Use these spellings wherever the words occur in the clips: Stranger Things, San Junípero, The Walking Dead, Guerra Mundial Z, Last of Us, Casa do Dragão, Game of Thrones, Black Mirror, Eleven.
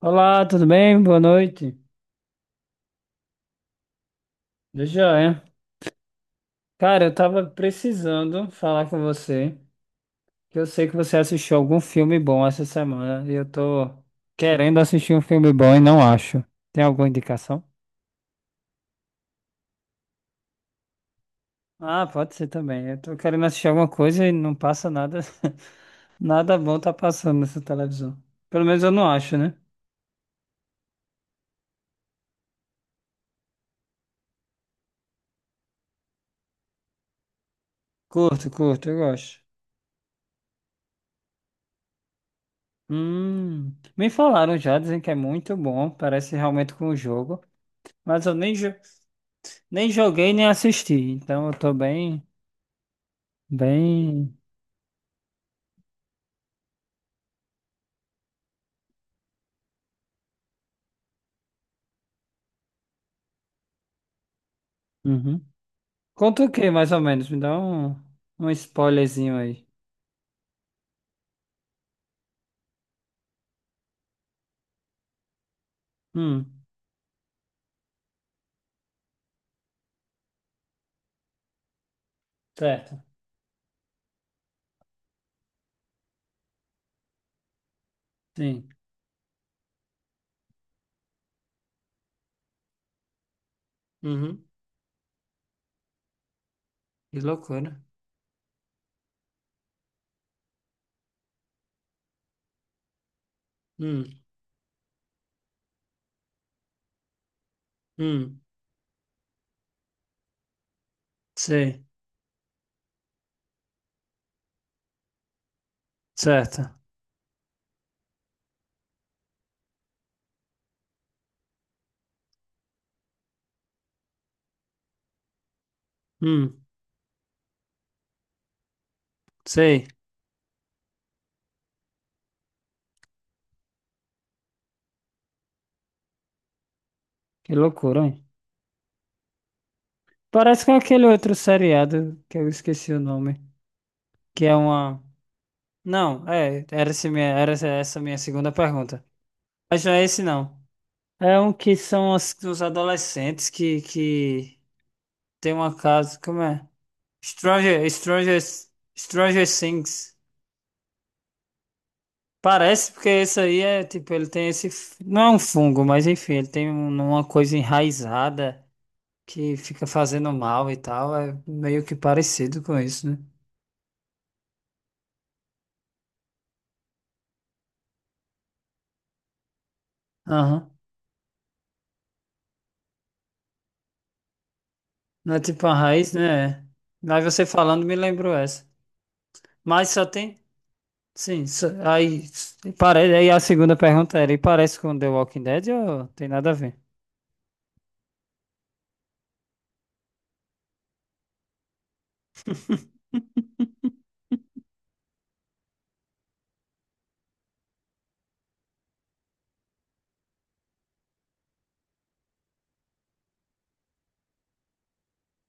Olá, tudo bem? Boa noite. Eu Já é. Cara, eu tava precisando falar com você, que eu sei que você assistiu algum filme bom essa semana e eu tô querendo assistir um filme bom e não acho. Tem alguma indicação? Ah, pode ser também. Eu tô querendo assistir alguma coisa e não passa nada, nada bom tá passando nessa televisão. Pelo menos eu não acho, né? Curto, curto, eu gosto. Me falaram já, dizem que é muito bom, parece realmente com o jogo, mas eu nem, jo- nem joguei, nem assisti, então eu tô bem. Uhum. Conta o que, mais ou menos? Um spoilerzinho aí. Hum, certo. Sim. Uhum. Que loucura. Hum, hum, Sei. Certo. Hum, Sei. Que loucura, hein? Parece com aquele outro seriado que eu esqueci o nome, que é uma. Não, era essa minha segunda pergunta. Mas não é esse não. É um que são os adolescentes que tem uma casa, como é? Stranger, Stranger, Stranger Things. Parece porque esse aí é, tipo, ele tem não é um fungo, mas enfim, ele tem uma coisa enraizada que fica fazendo mal e tal, é meio que parecido com isso, né? Aham. Não é tipo uma raiz, né? Mas você falando me lembrou essa. Mas só tem, sim, só- aí, Parece, aí a segunda pergunta era, e parece com The Walking Dead ou tem nada a ver?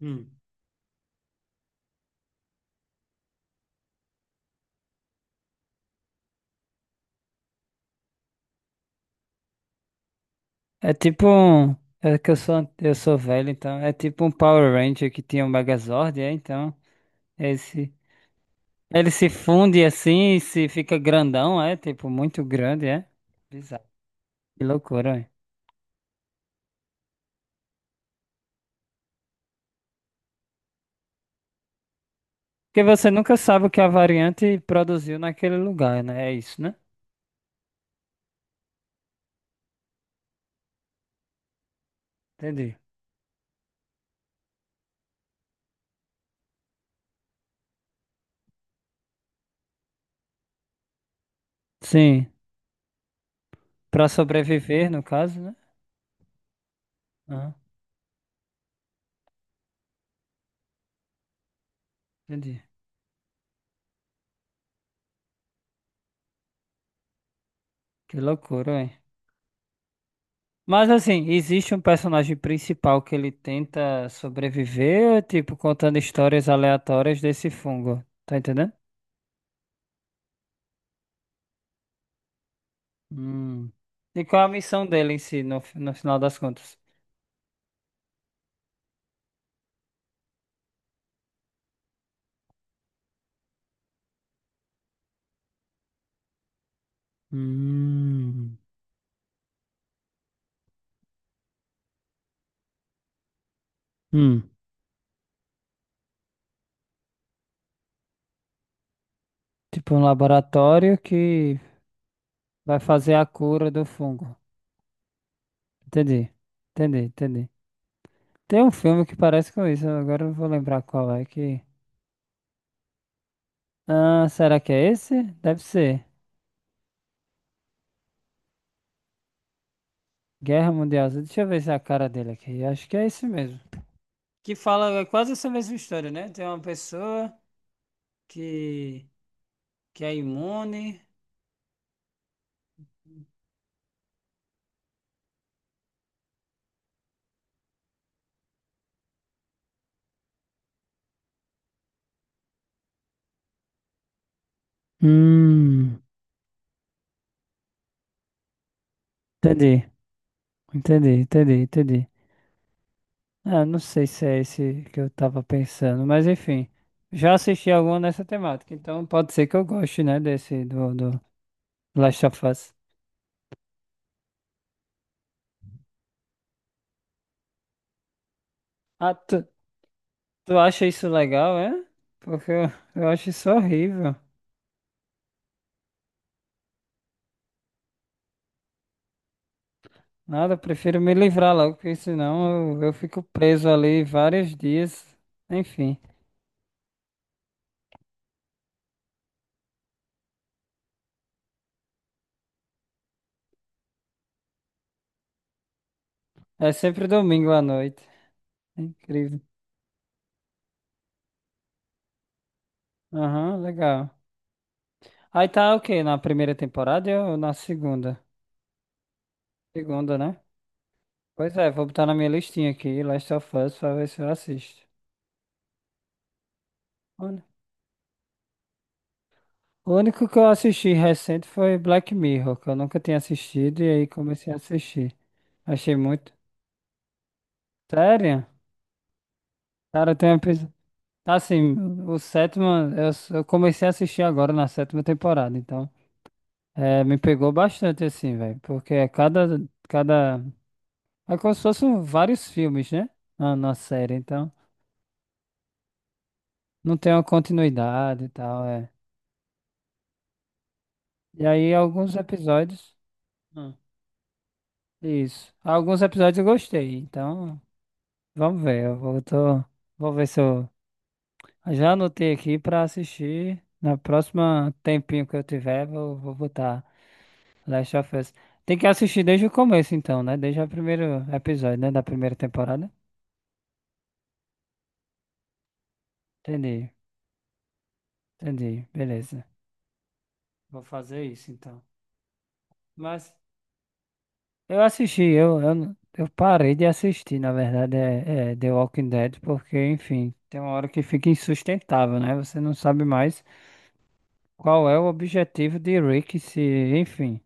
Hum. É tipo um. Eu sou velho, então. É tipo um Power Ranger que tinha um Megazord, é? Então. Esse, ele se funde assim e se fica grandão, é? Tipo, muito grande, é? Bizarro. Que loucura, é? Porque você nunca sabe o que a variante produziu naquele lugar, né? É isso, né? Entendi. Sim. Pra sobreviver, no caso, né? Ah, entendi. Que loucura, é. Mas assim, existe um personagem principal que ele tenta sobreviver, tipo, contando histórias aleatórias desse fungo. Tá entendendo? Hum. E qual é a missão dele em si, no final das contas? Hum. Hum. Tipo um laboratório que vai fazer a cura do fungo. Entendi. Entendi. Tem um filme que parece com isso, agora eu não vou lembrar qual é que. Ah, será que é esse? Deve ser. Guerra Mundial Z. Deixa eu ver se é a cara dele aqui. Acho que é esse mesmo. Que fala quase essa mesma história, né? Tem uma pessoa que, que é imune. Hum, entendi, entendi. Ah, não sei se é esse que eu tava pensando, mas enfim, já assisti alguma nessa temática, então pode ser que eu goste, né, desse do, do Last of Us. Ah, tu acha isso legal, é? Porque eu, eu acho isso horrível. Nada, eu prefiro me livrar logo, porque senão eu fico preso ali vários dias. Enfim. É sempre domingo à noite. É incrível. Aham, legal. Aí tá o quê? Na primeira temporada ou na segunda? Segunda, né? Pois é, vou botar na minha listinha aqui, Last of Us, pra ver se eu assisto. Olha. O único que eu assisti recente foi Black Mirror, que eu nunca tinha assistido, e aí comecei a assistir. Achei muito. Sério? Cara, tem um episódio. Tá assim, o sétimo. Eu comecei a assistir agora na sétima temporada, então. É, me pegou bastante, assim, velho. Porque a cada, cada É como se fossem vários filmes, né? Na série, então não tem uma continuidade e tal, é. E aí alguns episódios. Hum. Isso. Alguns episódios eu gostei, então vamos ver. Eu vou, tô- vou ver se eu. Já anotei aqui pra assistir. Na próxima tempinho que eu tiver, vou botar Last of Us. Tem que assistir desde o começo, então, né? Desde o primeiro episódio, né? Da primeira temporada. Entendi, entendi. Beleza. Vou fazer isso, então. Mas. Eu assisti, eu, não- Eu parei de assistir, na verdade, é The Walking Dead, porque, enfim, tem uma hora que fica insustentável, né? Você não sabe mais qual é o objetivo de Rick se, enfim,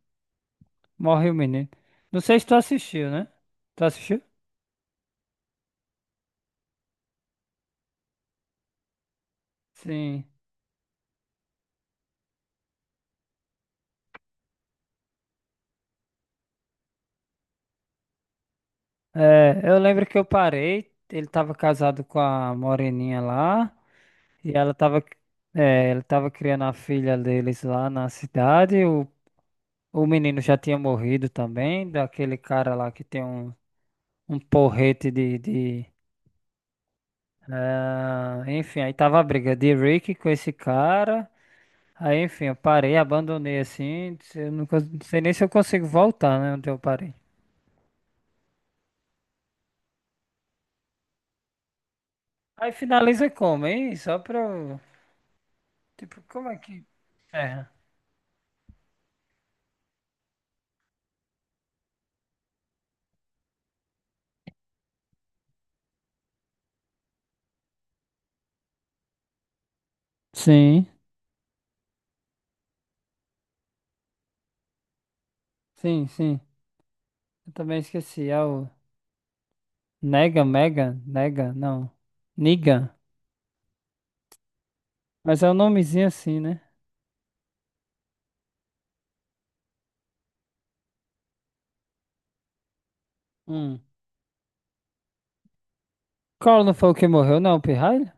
morre o menino. Não sei se tu assistiu, né? Tu assistiu? Sim. É, eu lembro que eu parei, ele tava casado com a moreninha lá, e ela tava, ele tava criando a filha deles lá na cidade, o menino já tinha morrido também, daquele cara lá que tem um porrete de ah, enfim, aí tava a briga de Rick com esse cara, aí enfim, eu parei, abandonei assim, eu não, cons- não sei nem se eu consigo voltar, né, onde eu parei. Aí finaliza como, hein? Só pra eu tipo, como é que ferra? Sim, sim, sim. Eu também esqueci. É o Nega, Mega, Nega, não. Niga. Mas é um nomezinho assim, né? Hum. Collor não foi o que morreu, não, o Pirralho?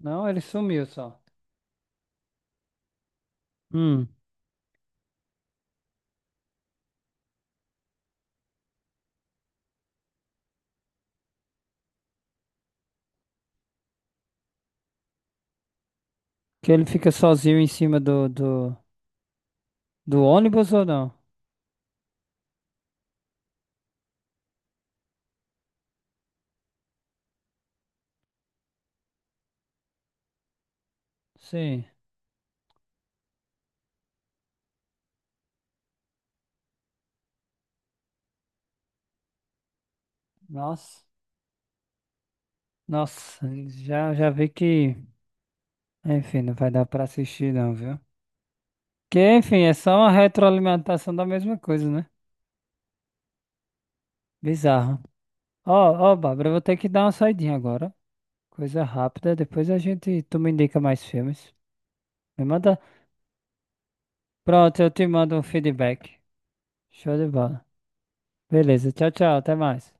Não, ele sumiu só. Hum. Que ele fica sozinho em cima do ônibus ou não? Sim. Nossa. Nossa, já vi que. Enfim, não vai dar pra assistir, não, viu? Que, enfim, é só uma retroalimentação da mesma coisa, né? Bizarro. Ó, Ó, Bárbara, eu vou ter que dar uma saidinha agora. Coisa rápida, depois a gente, tu me indica mais filmes. Me manda. Pronto, eu te mando um feedback. Show de bola. Beleza, tchau, até mais.